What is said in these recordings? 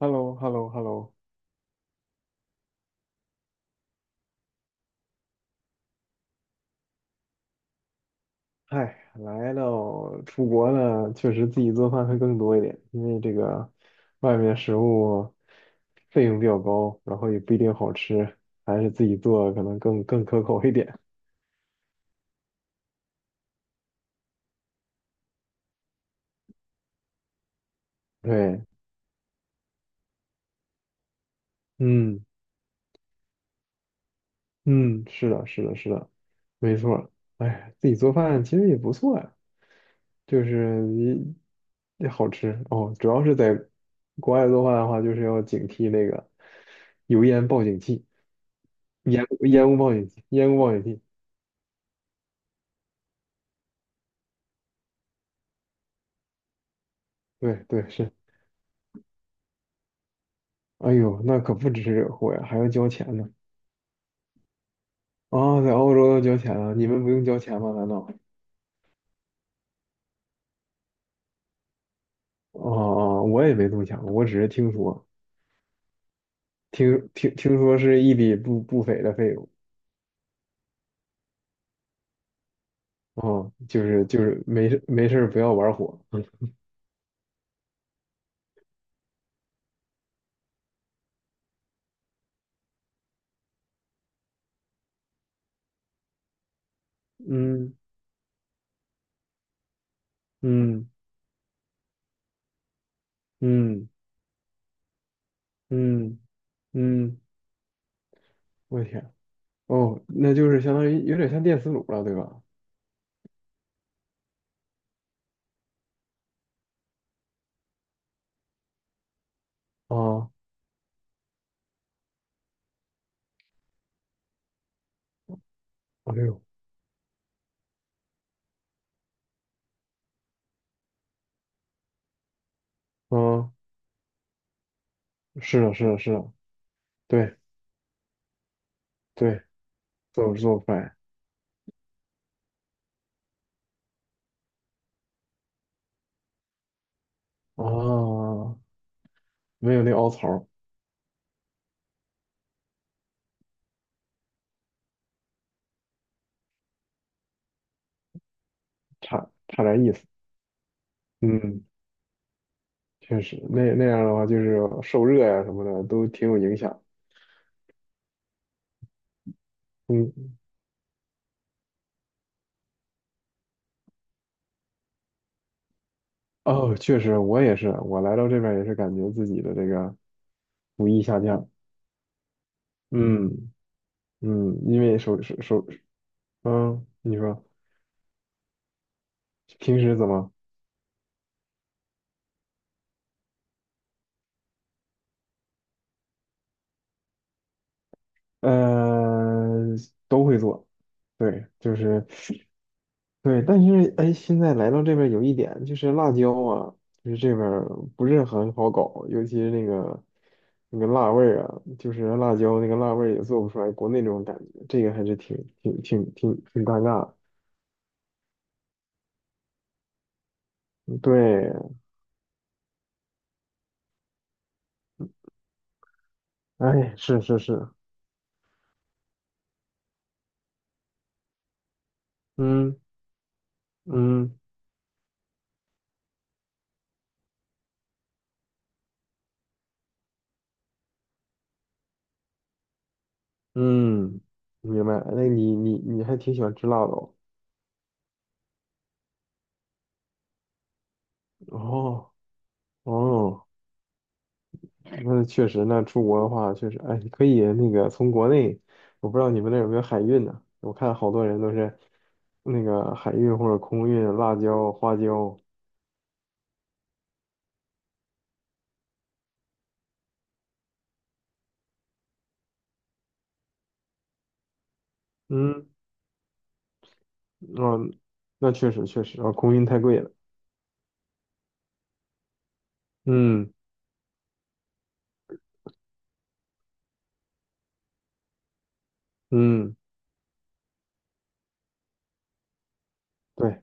h e l l o h e l l o h e l l o 哎，来到出国呢，确实自己做饭会更多一点，因为这个外面食物费用比较高，然后也不一定好吃，还是自己做可能更可口一点。对，嗯嗯，是的，是的，是的，没错儿。哎，自己做饭其实也不错呀，就是你也好吃哦。主要是在国外做饭的话，就是要警惕那个油烟报警器。烟雾报警器，烟雾报警器，对对是，哎呦，那可不只是惹祸呀，还要交钱呢。啊，在澳洲要交钱啊？你们不用交钱吗？难道？哦哦、我也没这么想过我只是听说，听说是一笔不菲的费用。哦，就是没事儿不要玩火。嗯嗯嗯嗯嗯，我天，哦，那就是相当于有点像电磁炉了，对吧？啊，哎呦，啊，是的，是的，是的，对对。做饭啊，没有那凹槽儿差点意思。嗯，确实，那样的话就是受热呀、什么的都挺有影响。嗯，哦，确实，我也是，我来到这边也是感觉自己的这个厨艺下降。嗯嗯，因为手，嗯，你说平时怎么？呃，都会做，对，就是对，但是哎，现在来到这边有一点就是辣椒啊，就是这边儿不是很好搞，尤其是那个辣味儿啊，就是辣椒那个辣味儿也做不出来国内那种感觉，这个还是挺尴尬的对，哎，是是是，嗯嗯嗯，明白。那你还挺喜欢吃辣的哦哦哦。那确实，那出国的话，确实，哎，可以那个从国内，我不知道你们那儿有没有海运呢？我看好多人都是那个海运或者空运辣椒、花椒，嗯，哦，那确实确实，啊，空运太贵了，嗯嗯，对，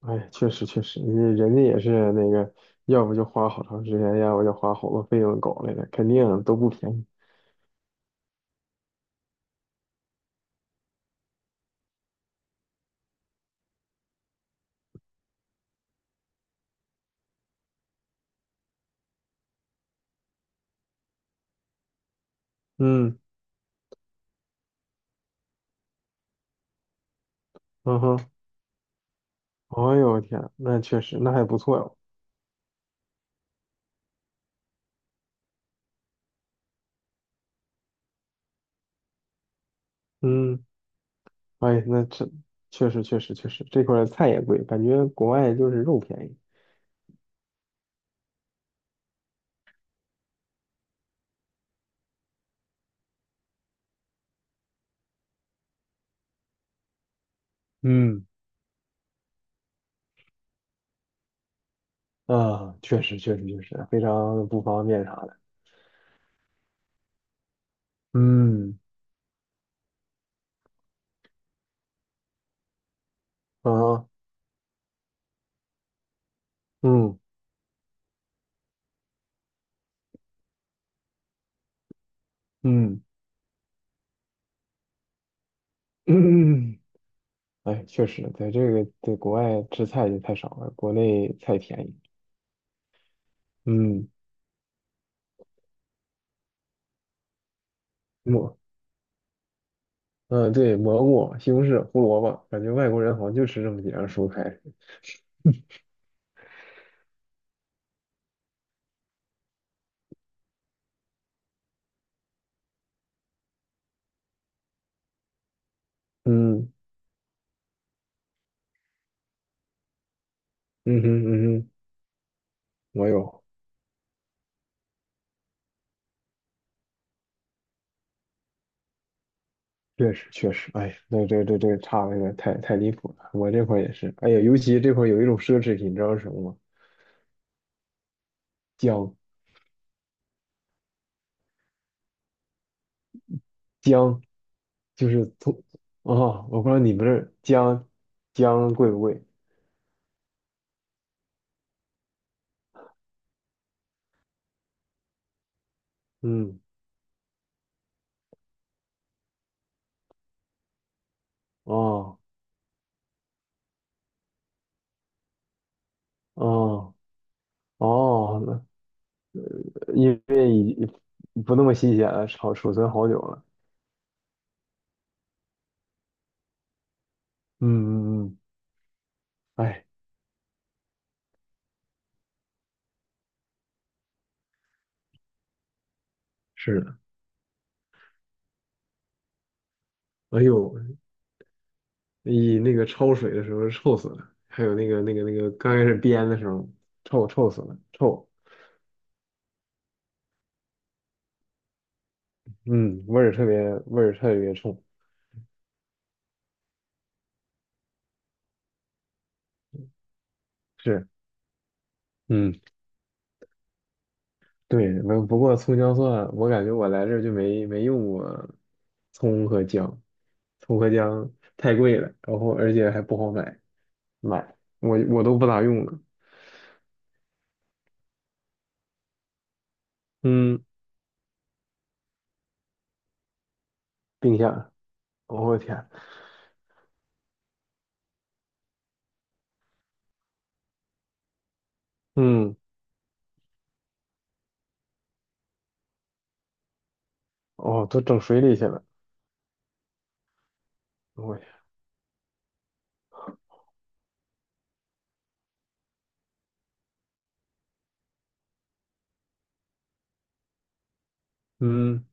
哎，确实确实，人家也是那个，要不就花好长时间，要不就花好多费用搞来的，肯定都不便宜，嗯嗯哼，哎呦我天，那确实，那还不错哟，嗯。哎，那这确实确实确实，这块儿菜也贵，感觉国外就是肉便宜。嗯啊，确实确实确实，非常不方便啥的。嗯啊，嗯嗯嗯，哎，确实，在这个在国外吃菜就太少了，国内菜便宜。嗯，蘑，嗯，对，蘑菇、西红柿、胡萝卜，感觉外国人好像就吃这么几样蔬菜。嗯嗯哼嗯哼，我有。确实确实，哎呀，那这差的有点太离谱了。我这块儿也是，哎呀，尤其这块儿有一种奢侈品，你知道是什么吗？姜姜，就是从啊、我不知道你们这儿姜贵不贵？嗯，哦哦哦，那因为不那么新鲜了，储存好久了。嗯嗯嗯，哎，是的，哎呦，你那个焯水的时候臭死了，还有那个刚开始煸的时候臭死了，臭。嗯，味儿特别冲，是，嗯，对，不过葱姜蒜，我感觉我来这儿就没用过葱和姜，葱和姜，太贵了，然后而且还不好买，我都不咋用了，嗯，冰箱，我天，嗯，哦，都整水里去了，我天，嗯，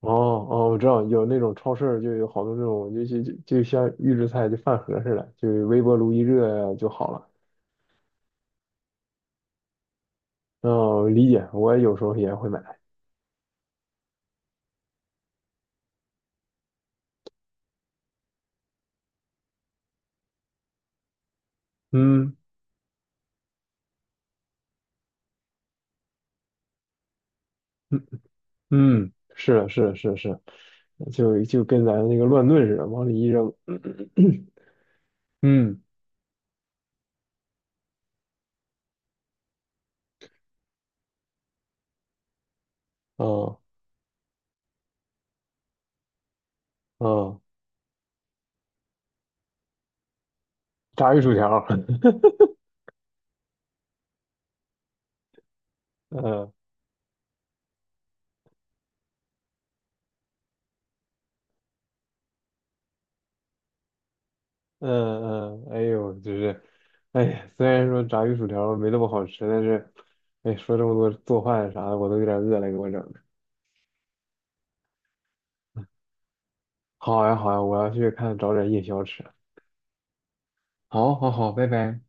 哦哦，我知道有那种超市就有好多那种就像预制菜就饭盒似的，就微波炉一热就好了。哦，理解，我有时候也会买。嗯嗯嗯，是的是的是的是的就跟咱那个乱炖似的，往里一扔。嗯，哦哦，炸鱼薯条儿 嗯嗯嗯，哎呦，就是，哎呀虽然说炸鱼薯条没那么好吃，但是，哎，说这么多做饭啥的，我都有点饿了，给我整的。好呀好呀，我要去找点夜宵吃。好，好，好，拜拜。